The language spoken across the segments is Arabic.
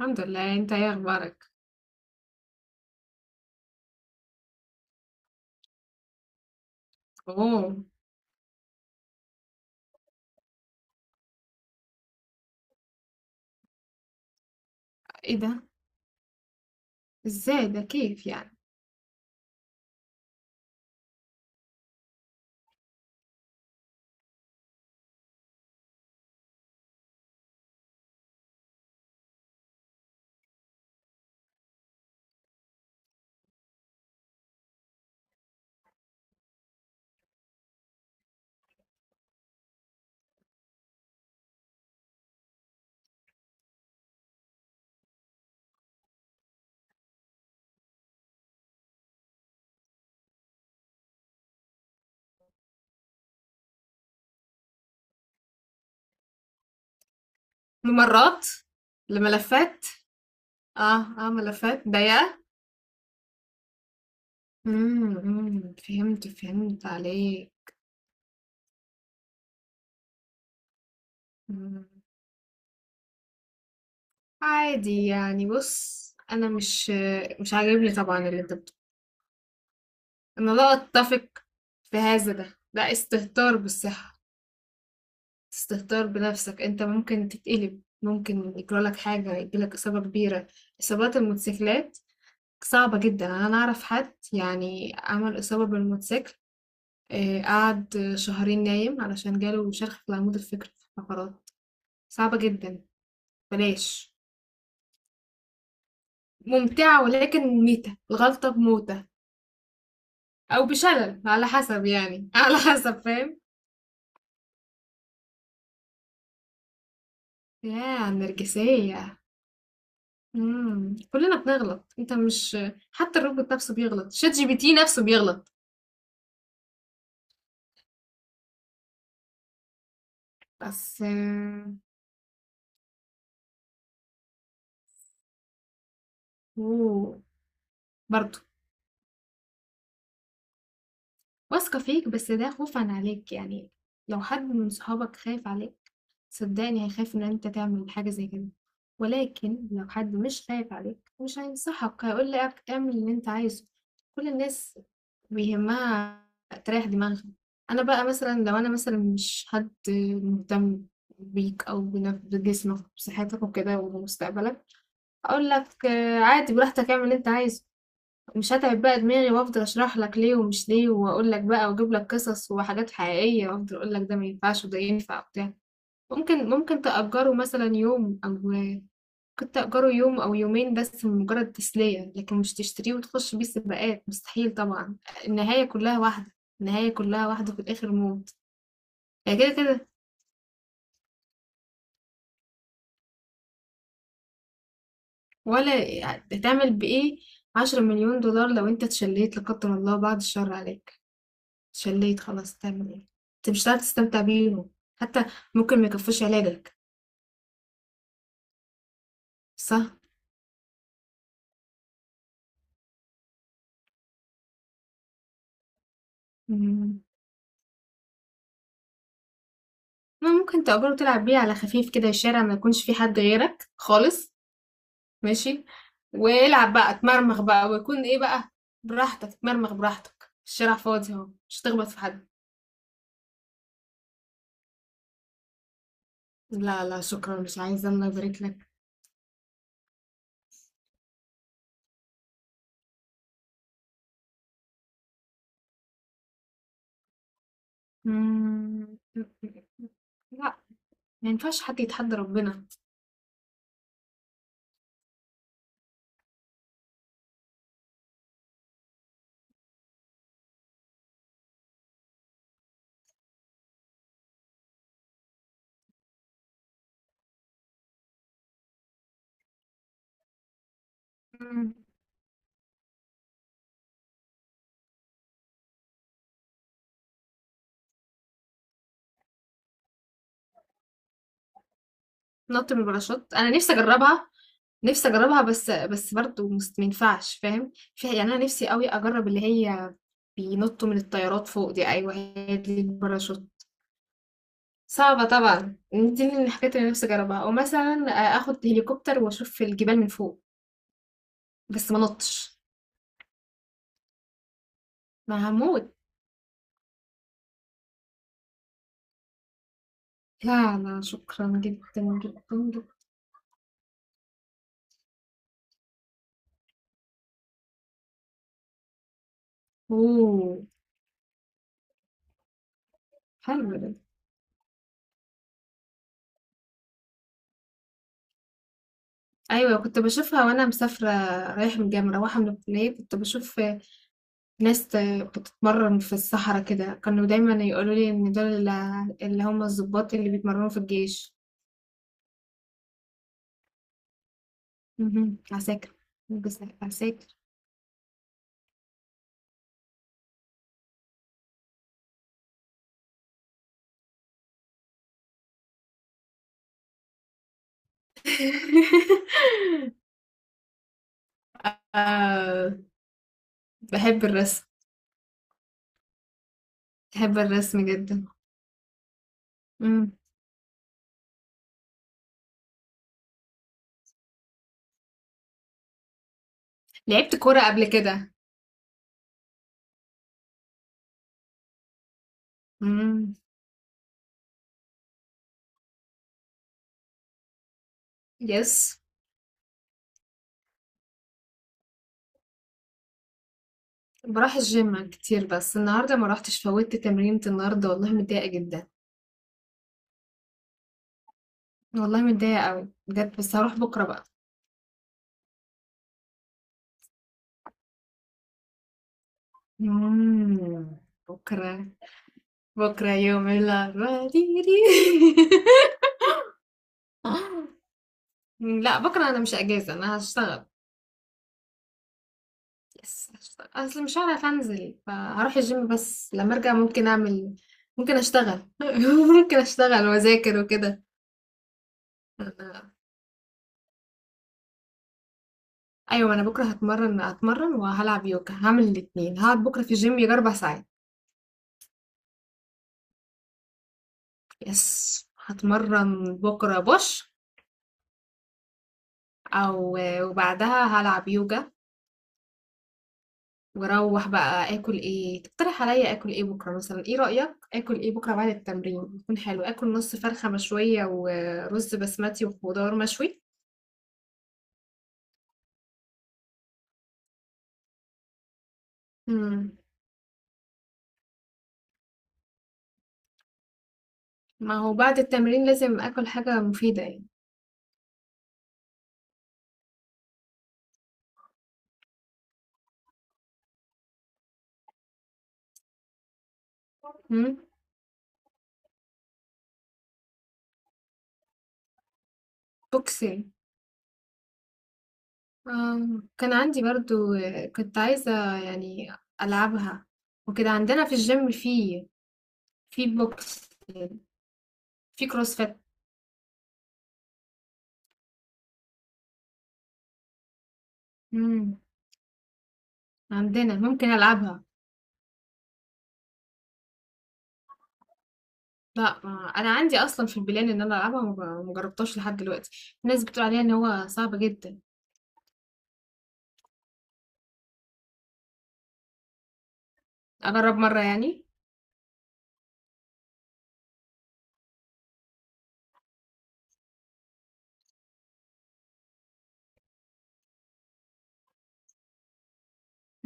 الحمد لله. انت ايه اخبارك؟ اوه. ايه ده؟ ازاي ده؟ كيف يعني؟ ممرات. لملفات. اه. اه ملفات ضيقة. أمم، فهمت عليه. أمم، عادي يعني. بص، انا مش عاجبني طبعا اللي انت بتقوله. انا لا اتفق في هذا ده. ده استهتار بالصحة، استهتار بنفسك. انت ممكن تتقلب، ممكن يجرالك حاجة، يجيلك اصابة كبيرة. اصابات الموتوسيكلات صعبة جدا. أنا أعرف حد يعني عمل إصابة بالموتوسيكل، قعد شهرين نايم علشان جاله شرخ في العمود الفقري في الفقرات. صعبة جدا. بلاش. ممتعة ولكن ميتة الغلطة بموتة، أو بشلل على حسب يعني على حسب، فاهم؟ يا النرجسية! مم. كلنا بنغلط، انت مش حتى الروبوت نفسه بيغلط، شات جي بي تي نفسه بيغلط. بس اوه. برضه واثقة فيك بس ده خوفًا عليك، يعني لو حد من صحابك خايف عليك، صدّقني هيخاف إن أنت تعمل حاجة زي كده، ولكن لو حد مش خايف عليك، مش هينصحك، هيقول لك اعمل اللي أنت عايزه. كل الناس بيهمها تريّح دماغها. أنا بقى مثلًا، لو أنا مثلًا مش حد مهتم بيك أو بجسمك وبصحتك وكده وبمستقبلك، هاقول لك عادي، براحتك، اعمل اللي أنت عايزه. مش هتعب بقى دماغي وافضل اشرح لك ليه ومش ليه، واقول لك بقى واجيب لك قصص وحاجات حقيقيه، وافضل اقول لك ده ما ينفعش وده ينفع وبتاع. ممكن تأجره مثلا يوم او كنت تأجره يوم او يومين بس مجرد تسليه، لكن مش تشتريه وتخش بيه سباقات، مستحيل طبعا. النهايه كلها واحده، النهايه كلها واحده، في الاخر موت. يعني كده كده. ولا هتعمل بايه؟ 10 مليون دولار لو انت اتشليت لا قدر الله، بعد الشر عليك، شليت خلاص، تعمل ايه؟ انت مش هتعرف تستمتع بيهم. حتى ممكن ما يكفوش علاجك. صح. مم. ما ممكن تأجره، تلعب بيه على خفيف كده، الشارع ما يكونش فيه حد غيرك خالص. ماشي، والعب بقى، اتمرمغ بقى، ويكون ايه بقى. براحتك اتمرمغ براحتك، الشارع فاضي اهو، مش هتخبط في حد. لا، لا، شكرا، مش عايزة، الله يبارك لك. مم. لا. ما ينفعش حد يتحدى ربنا. مم. نط من الباراشوت، انا نفسي اجربها. نفسي اجربها بس برضه ما ينفعش، فاهم؟ في يعني انا نفسي قوي اجرب اللي هي بينطوا من الطيارات فوق دي، ايوه هي دي الباراشوت. صعبة طبعا، دي من الحاجات اللي نفسي اجربها، او مثلا اخد هليكوبتر واشوف الجبال من فوق. بس ما نطش، ما هموت. لا، لا، شكرا جدا جدا جدا. اوه. حلو ده. ايوه كنت بشوفها وانا مسافره، رايحه من الجامعه، مروحه من الكليه. كنت بشوف لسه بتتمرن في الصحراء كده. كانوا دايما يقولوا لي ان دول ال- اللي هم الضباط اللي بيتمرنوا في الجيش. مهم. عساكر. عساكر. آه. بحب الرسم بحب الرسم جدا. مم. لعبت كورة قبل كده. مم. يس. بروح الجيم كتير بس النهاردة ما روحتش، فوتت تمرينة النهاردة، والله متضايقة جدا. والله متضايقة قوي بجد، بس هروح بكرة بقى. مم. بكرة. بكرة يوم الأربعاء، ديري. لا، بكرة أنا مش أجازة، أنا هشتغل. يس، هشتغل، أصل مش هعرف أنزل، فهروح الجيم، بس لما أرجع ممكن أعمل، ممكن أشتغل. ممكن أشتغل وأذاكر وكده. أنا... أيوة، أنا بكرة هتمرن وهلعب يوجا، هعمل الاتنين. هقعد بكرة في الجيم يجي 4 ساعات. يس، هتمرن بكرة بوش، أو، وبعدها هلعب يوجا. واروح بقى اكل ايه؟ تقترح عليا اكل ايه بكره مثلا؟ ايه رايك، اكل ايه بكره بعد التمرين يكون حلو؟ اكل نص فرخه مشويه ورز بسمتي وخضار مشوي. امم ما هو بعد التمرين لازم اكل حاجه مفيده يعني. امم بوكسين. آه. كان عندي برضو، كنت عايزه يعني العبها وكده. عندنا في الجيم في بوكس، في كروسفيت. امم عندنا ممكن العبها. لأ، ما أنا عندي أصلًا في البلان إن أنا ألعبها، وما ما جربتهاش لحد دلوقتي، الناس بتقول عليها إن هو صعب جدًا. أجرب مرة يعني؟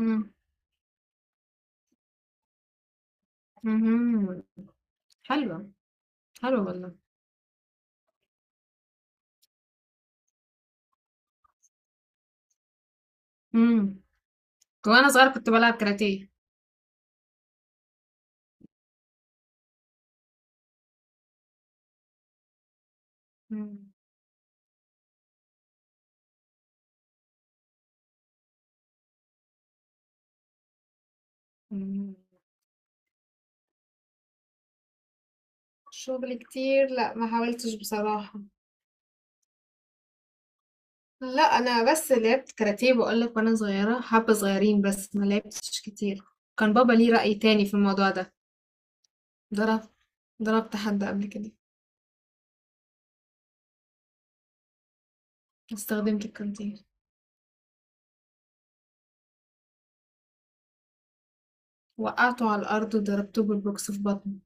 إمم، اهم، حلوة. حلوة والله. إمم، وأنا صغيرة كنت بالعب كاراتيه. إمم، إمم، شغل كتير؟ لأ، ما حاولتش بصراحة. لأ، أنا بس لعبت كاراتيه باقول لك وأنا صغيرة، حبة صغيرين بس، ما لعبتش كتير. كان بابا ليه رأي تاني في الموضوع ده. ضرب ضربت حد قبل كده. استخدمت الكاراتيه. وقعته على الأرض وضربته بالبوكس في بطنه.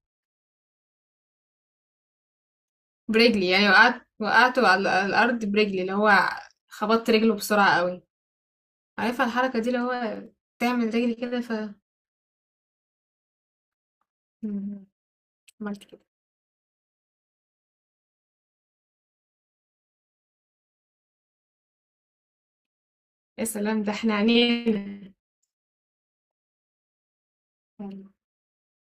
برجلي، يعني وقعت وقعته على الأرض برجلي، اللي هو خبطت رجله بسرعة قوي. عارفة الحركة دي، اللي هو تعمل رجلي كده، ف مم، عملت كده. يا سلام، ده احنا عنينا!